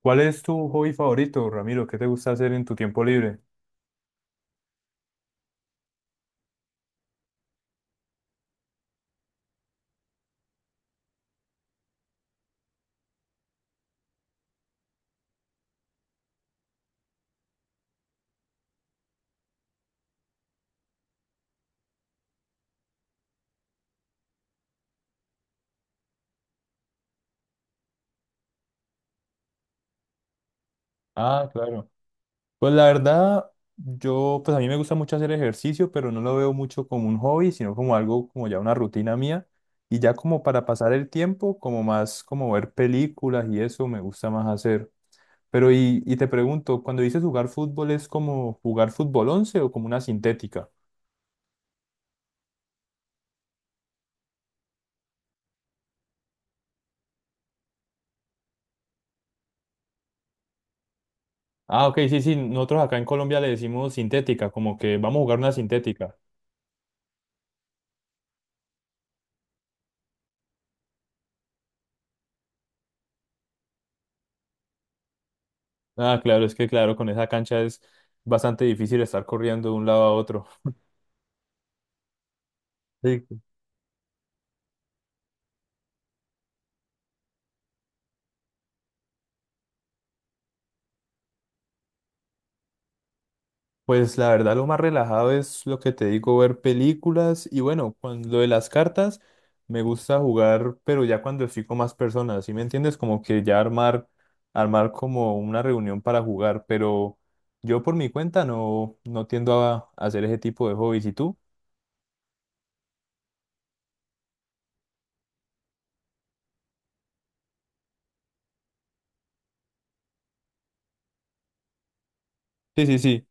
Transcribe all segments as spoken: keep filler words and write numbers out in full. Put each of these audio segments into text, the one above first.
¿Cuál es tu hobby favorito, Ramiro? ¿Qué te gusta hacer en tu tiempo libre? Ah, claro. Pues la verdad, yo, pues a mí me gusta mucho hacer ejercicio, pero no lo veo mucho como un hobby, sino como algo como ya una rutina mía. Y ya como para pasar el tiempo, como más como ver películas y eso me gusta más hacer. Pero y, y te pregunto, cuando dices jugar fútbol, ¿es como jugar fútbol once o como una sintética? Ah, ok, sí, sí, nosotros acá en Colombia le decimos sintética, como que vamos a jugar una sintética. Ah, claro, es que claro, con esa cancha es bastante difícil estar corriendo de un lado a otro. Sí. Pues la verdad lo más relajado es lo que te digo, ver películas y bueno, con lo de las cartas me gusta jugar, pero ya cuando estoy con más personas, ¿sí me entiendes? Como que ya armar, armar como una reunión para jugar, pero yo por mi cuenta no, no tiendo a a hacer ese tipo de hobbies. ¿Y tú? Sí, sí, sí.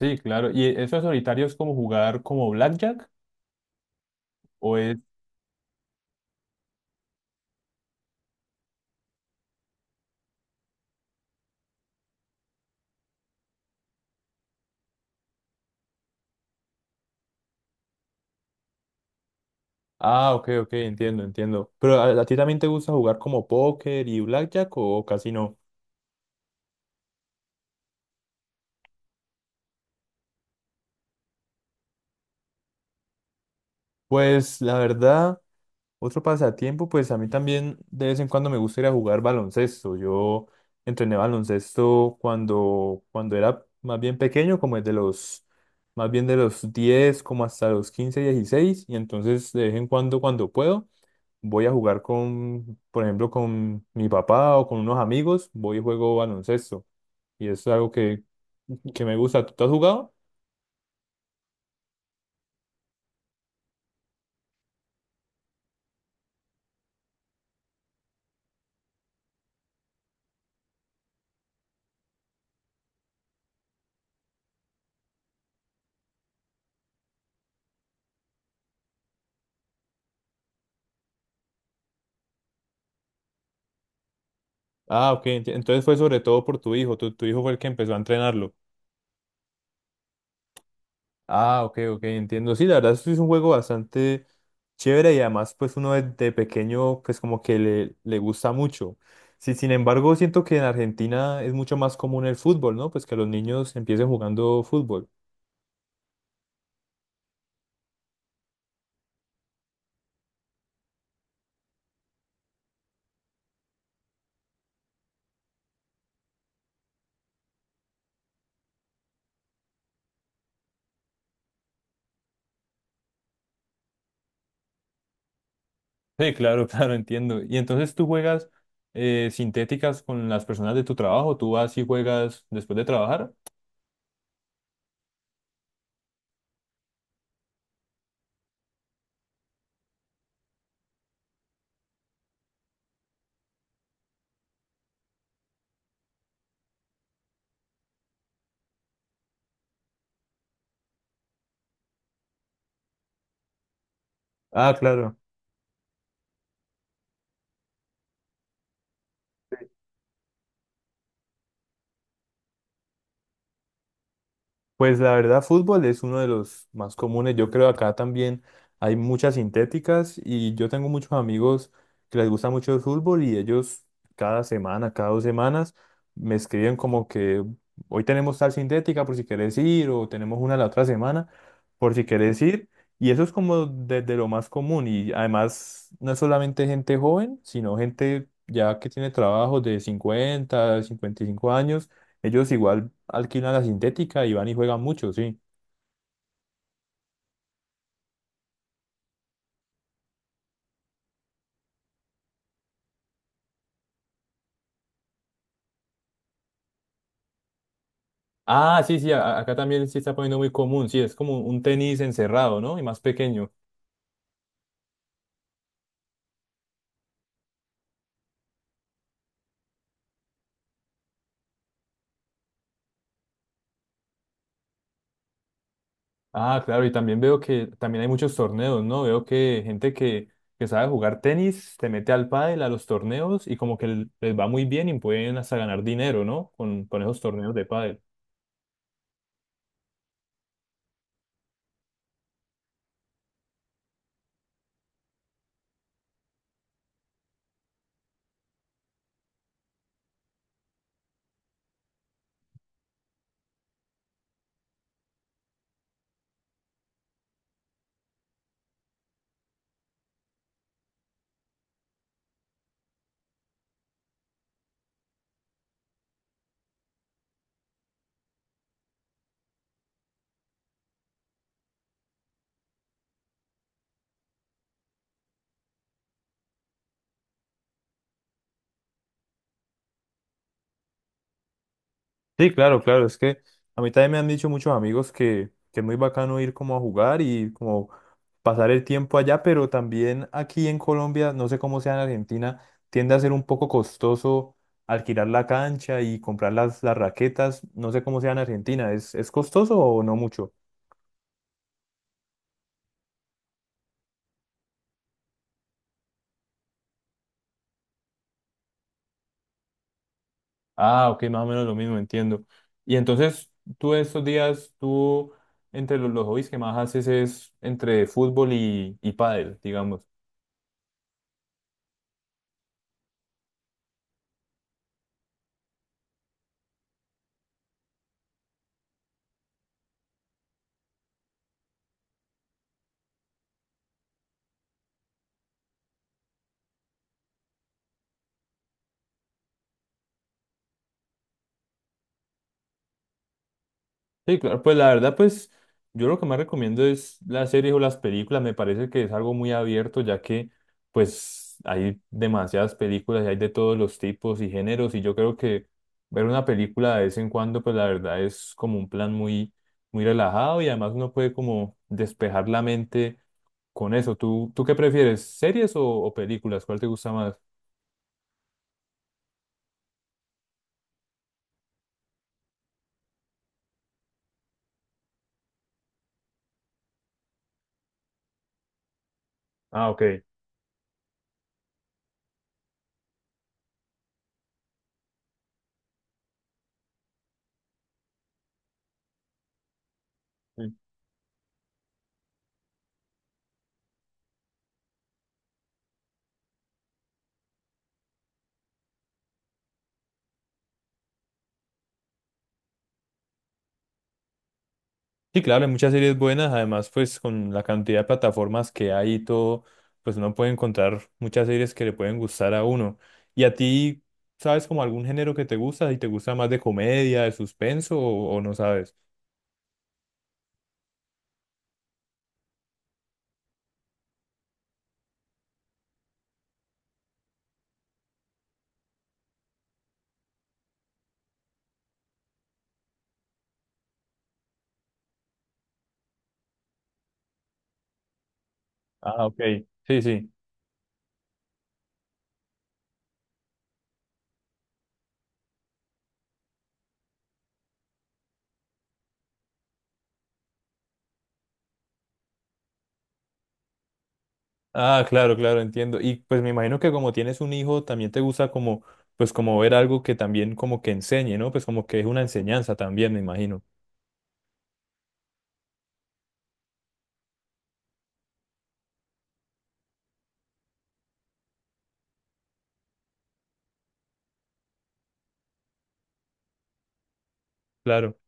Sí, claro. ¿Y eso de solitario es como jugar como blackjack? O ah, ok, ok, entiendo, entiendo. Pero ¿a, a ti también te gusta jugar como póker y blackjack o casi no? Pues la verdad, otro pasatiempo, pues a mí también de vez en cuando me gusta ir a jugar baloncesto. Yo entrené baloncesto cuando, cuando era más bien pequeño, como desde los, más bien de los diez, como hasta los quince, dieciséis. Y entonces de vez en cuando, cuando puedo, voy a jugar con, por ejemplo, con mi papá o con unos amigos, voy y juego baloncesto. Y eso es algo que, que me gusta. ¿Tú has jugado? Ah, ok. enti- Entonces fue sobre todo por tu hijo. Tu, tu hijo fue el que empezó a entrenarlo. Ah, ok, ok, entiendo. Sí, la verdad sí es un juego bastante chévere y además pues uno de, de pequeño pues como que le, le gusta mucho. Sí, sin embargo, siento que en Argentina es mucho más común el fútbol, ¿no? Pues que los niños empiecen jugando fútbol. Sí, claro, claro, entiendo. Y entonces tú juegas eh, sintéticas con las personas de tu trabajo, tú vas y juegas después de trabajar. Ah, claro. Pues la verdad, fútbol es uno de los más comunes. Yo creo acá también hay muchas sintéticas y yo tengo muchos amigos que les gusta mucho el fútbol y ellos cada semana, cada dos semanas me escriben como que hoy tenemos tal sintética por si quieres ir o tenemos una la otra semana por si quieres ir. Y eso es como desde lo más común y además no es solamente gente joven, sino gente ya que tiene trabajos de cincuenta, cincuenta y cinco años ellos igual alquilan la sintética y van y juegan mucho, sí. Ah, sí, sí, a- acá también sí está poniendo muy común, sí, es como un tenis encerrado, ¿no? Y más pequeño. Ah, claro, y también veo que también hay muchos torneos, ¿no? Veo que gente que, que sabe jugar tenis se mete al pádel, a los torneos y como que l- les va muy bien y pueden hasta ganar dinero, ¿no? Con, con esos torneos de pádel. Sí, claro, claro, es que a mí también me han dicho muchos amigos que, que es muy bacano ir como a jugar y como pasar el tiempo allá, pero también aquí en Colombia, no sé cómo sea en Argentina, tiende a ser un poco costoso alquilar la cancha y comprar las, las raquetas, no sé cómo sea en Argentina, ¿es, es costoso o no mucho? Ah, ok, más o menos lo mismo, entiendo. Y entonces, tú estos días, tú, entre los, los hobbies que más haces es entre fútbol y, y pádel, digamos. Sí, claro, pues la verdad, pues yo lo que más recomiendo es las series o las películas, me parece que es algo muy abierto, ya que pues hay demasiadas películas y hay de todos los tipos y géneros, y yo creo que ver una película de vez en cuando, pues la verdad es como un plan muy, muy relajado y además uno puede como despejar la mente con eso. ¿Tú, tú qué prefieres, series o, o películas? ¿Cuál te gusta más? Ah, ok. Sí, claro, hay muchas series buenas, además pues con la cantidad de plataformas que hay y todo, pues uno puede encontrar muchas series que le pueden gustar a uno. ¿Y a ti, sabes como algún género que te gusta? ¿Y te gusta más de comedia, de suspenso o, o no sabes? Ah, ok, sí, sí. Ah, claro, claro, entiendo. Y pues me imagino que como tienes un hijo, también te gusta como, pues como ver algo que también como que enseñe, ¿no? Pues como que es una enseñanza también, me imagino. Claro.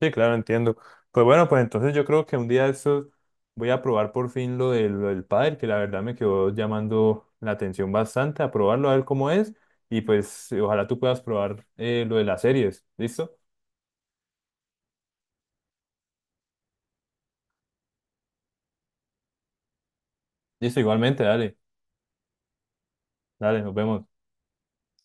Sí, claro, entiendo. Pues bueno, pues entonces yo creo que un día de estos voy a probar por fin lo del, lo del pádel, que la verdad me quedó llamando la atención bastante, a probarlo, a ver cómo es, y pues ojalá tú puedas probar eh, lo de las series, ¿listo? Listo, igualmente, dale, dale, nos vemos.